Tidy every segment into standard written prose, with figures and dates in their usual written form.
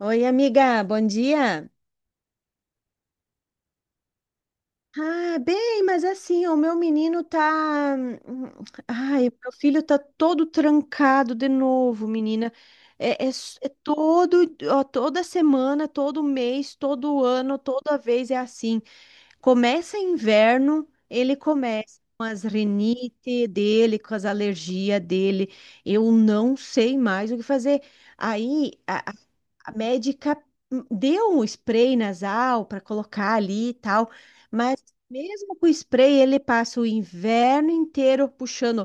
Oi, amiga, bom dia. Ah, bem, mas é assim, o meu menino tá. hum, Ai, o meu filho tá todo trancado de novo, menina. É, é, é todo, ó, toda semana, todo mês, todo ano, toda vez é assim. Começa inverno, ele começa com as rinite dele, com as alergias dele. Eu não sei mais o que fazer. Aí. A médica deu um spray nasal para colocar ali e tal, mas mesmo com o spray, ele passa o inverno inteiro puxando,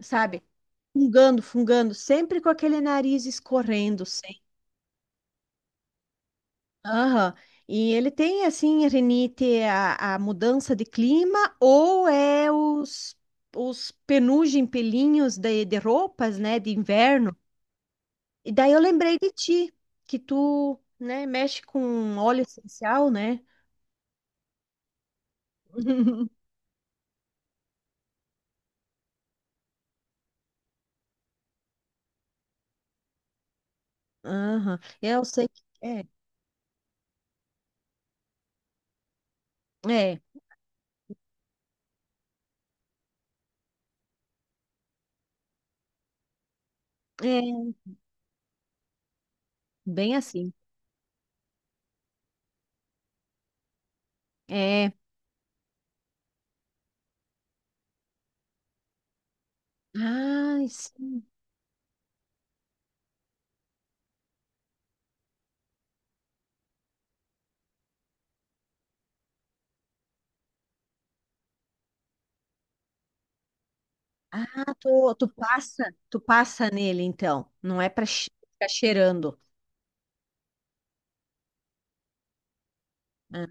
sabe? Fungando, fungando, sempre com aquele nariz escorrendo, sempre. Aham. E ele tem, assim, rinite, a mudança de clima ou é os penugem pelinhos de roupas, né, de inverno. E daí eu lembrei de ti, que tu, né, mexe com óleo essencial, né? Aham. Eu sei que é. É, é, bem assim. É. Ai, sim. Ah, tu passa nele, então. Não é para ficar cheirando. Ah,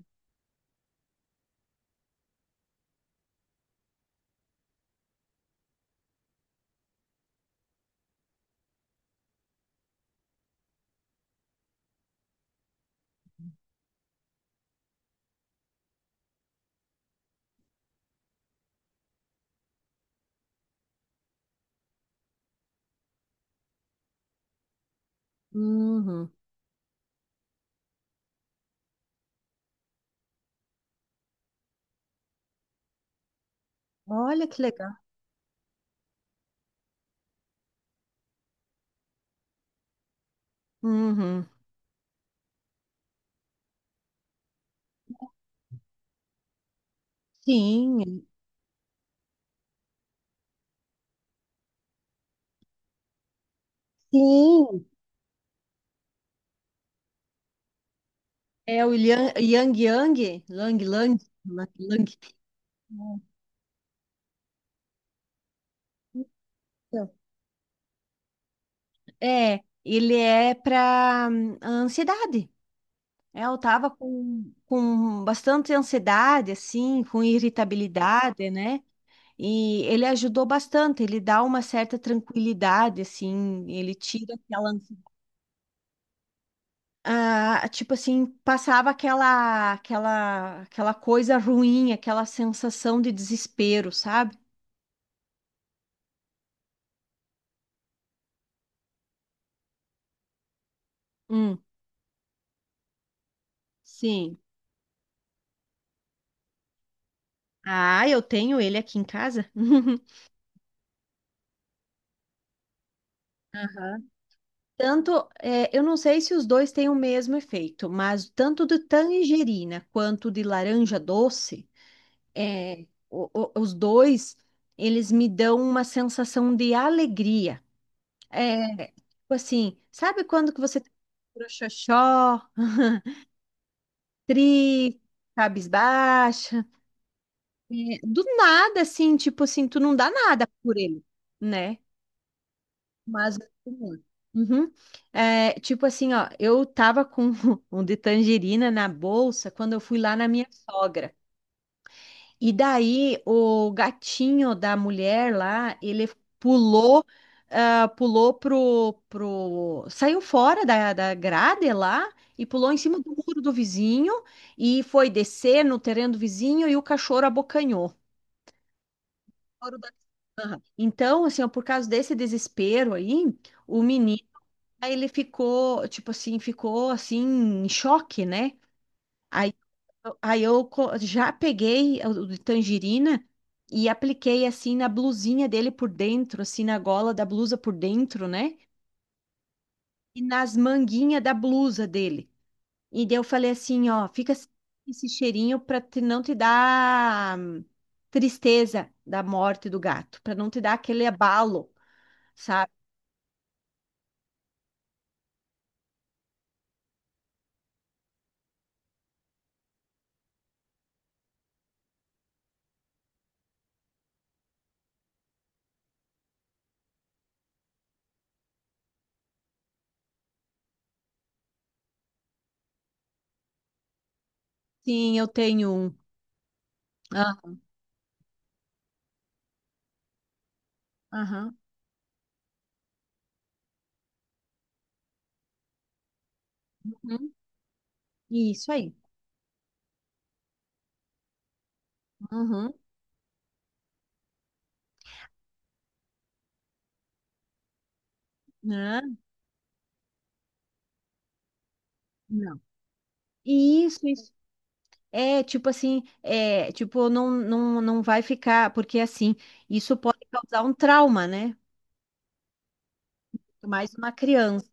uhum. Olha que legal. Uhum. Sim, é. Sim. É o Yang Yang, Yang, Lang Lang, Lang. Lang. Nossa. É, ele é para ansiedade. É, eu tava com bastante ansiedade, assim, com irritabilidade, né? E ele ajudou bastante, ele dá uma certa tranquilidade, assim, ele tira aquela. Ah, tipo assim, passava aquela coisa ruim, aquela sensação de desespero, sabe? Hum. Sim. Ah, eu tenho ele aqui em casa. Aham. Tanto, é, eu não sei se os dois têm o mesmo efeito, mas tanto de tangerina quanto de laranja doce, é, os dois, eles me dão uma sensação de alegria. É, tipo assim, sabe quando que você tá xoxó, triste, cabisbaixa? É, do nada, assim, tipo assim, tu não dá nada por ele, né? Mas Uhum. É, tipo assim, ó, eu tava com um de tangerina na bolsa quando eu fui lá na minha sogra. E daí o gatinho da mulher lá, ele pulou, ah, saiu fora da grade lá e pulou em cima do muro do vizinho e foi descer no terreno do vizinho e o cachorro abocanhou. Cachorro da- Aham. Então, assim, ó, por causa desse desespero aí, o menino Aí ele ficou, tipo assim, ficou assim, em choque, né? Aí, aí, já peguei o de tangerina e apliquei assim na blusinha dele por dentro, assim, na gola da blusa por dentro, né? E nas manguinhas da blusa dele. E daí eu falei assim, ó, fica sem esse cheirinho pra não te dar tristeza da morte do gato, pra não te dar aquele abalo, sabe? Sim, eu tenho um. Ah, aham. Uhum. Isso aí. Uhum. Não, não. Isso, isso. É, tipo assim, é, tipo, não, não, não vai ficar, porque assim, isso pode causar um trauma, né? Mais uma criança.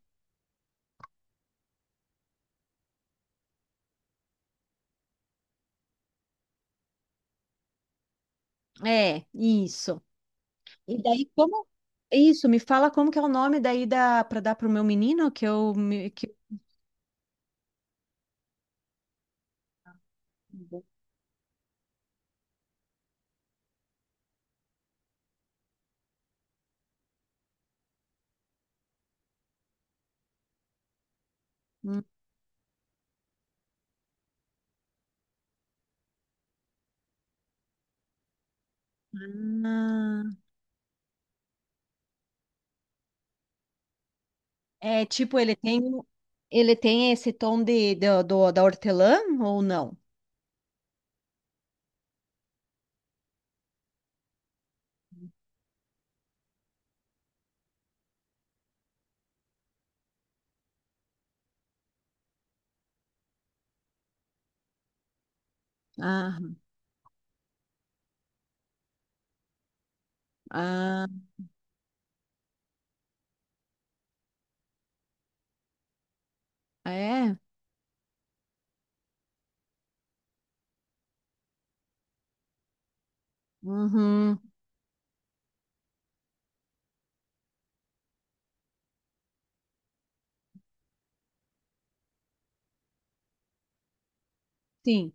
É, isso. E daí, como. Isso, me fala como que é o nome daí da, para dar pro meu menino, que eu. Que... Hum, ah. É, tipo, ele tem. Ele tem esse tom de, da hortelã ou não? Ah, ah, é? Uhum. Sim.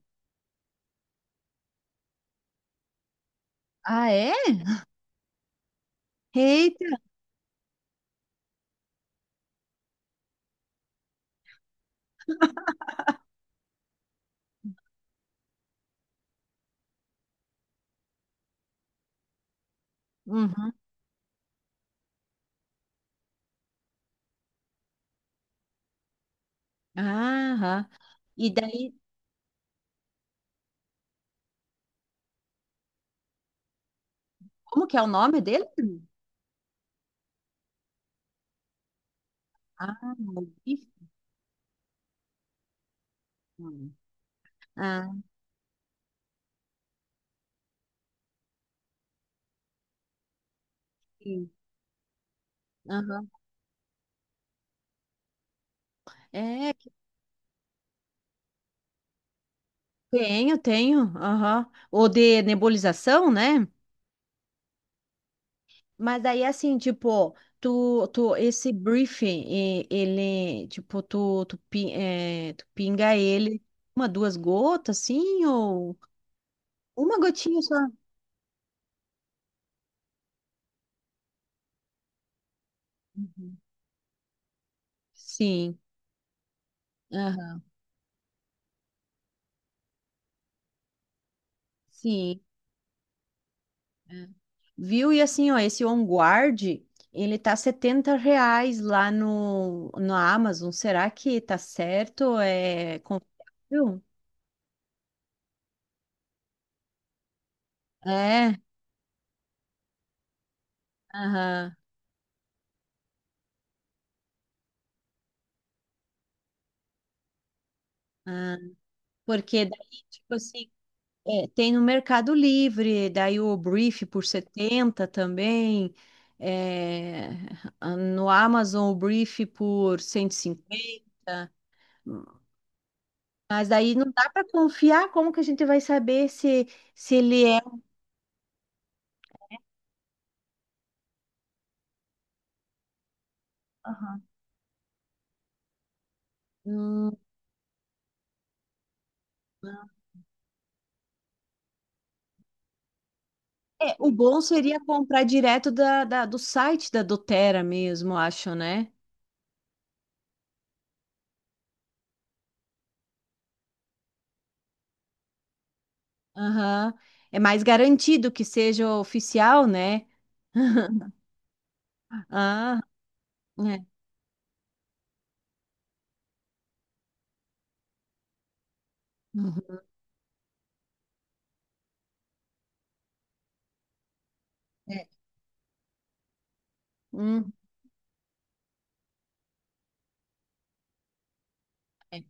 Ah, é? Eita! Uhum. Aham. E daí, como que é o nome dele? Ah, Maleficent. Ah, sim. Aham. É, tenho, tenho. Aham. Ou de nebulização, né? Mas daí, assim, tipo, esse briefing, ele, tipo, é, tu pinga ele uma, duas gotas, assim, ou uma gotinha só? Uhum. Sim. Aham. Sim. É. Viu? E assim, ó, esse On Guard, ele tá R$ 70 lá no Amazon. Será que tá certo? É confiável? É, aham. Ah. Porque daí, tipo assim, é, tem no Mercado Livre, daí o Brief por 70 também. É, no Amazon o Brief por 150. Mas daí não dá para confiar, como que a gente vai saber se ele é. Aham. Hum, é, o bom seria comprar direto do site da DoTerra mesmo, acho, né? Aham. É mais garantido que seja oficial, né? Ah, é. Uhum. É. Hum, é.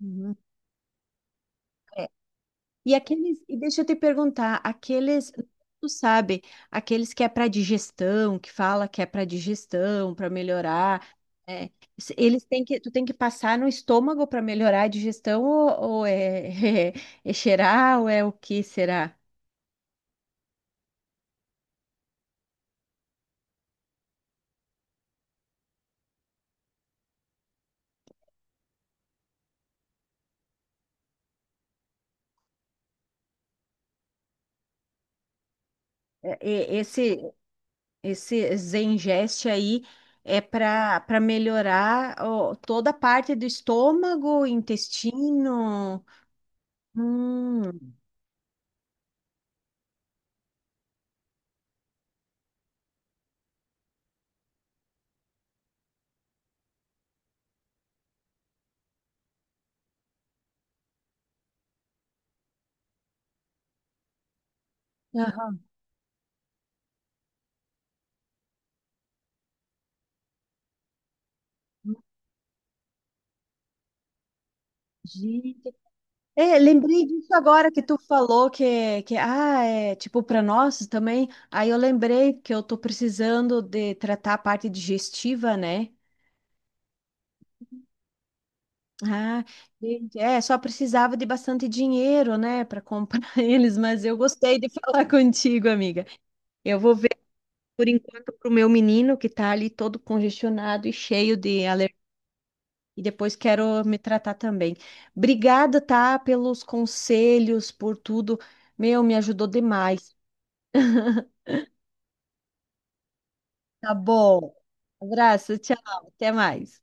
Uhum. É. E aqueles, e deixa eu te perguntar, aqueles, tu sabe, aqueles que é para digestão, que fala que é para digestão, para melhorar, é, eles têm que, tu tem que passar no estômago para melhorar a digestão ou é, é, cheirar ou é o que será? É, é, Esse Zengest aí é para melhorar ó, toda a parte do estômago, intestino. Hum, aham. Gente, é, lembrei disso agora que tu falou que ah, é tipo para nós também. Aí eu lembrei que eu tô precisando de tratar a parte digestiva, né? Ah, gente, é, só precisava de bastante dinheiro, né, para comprar eles, mas eu gostei de falar contigo, amiga. Eu vou ver por enquanto pro meu menino que tá ali todo congestionado e cheio de alergia. E depois quero me tratar também. Obrigada, tá, pelos conselhos, por tudo. Meu, me ajudou demais. Tá bom. Abraço, tchau. Até mais.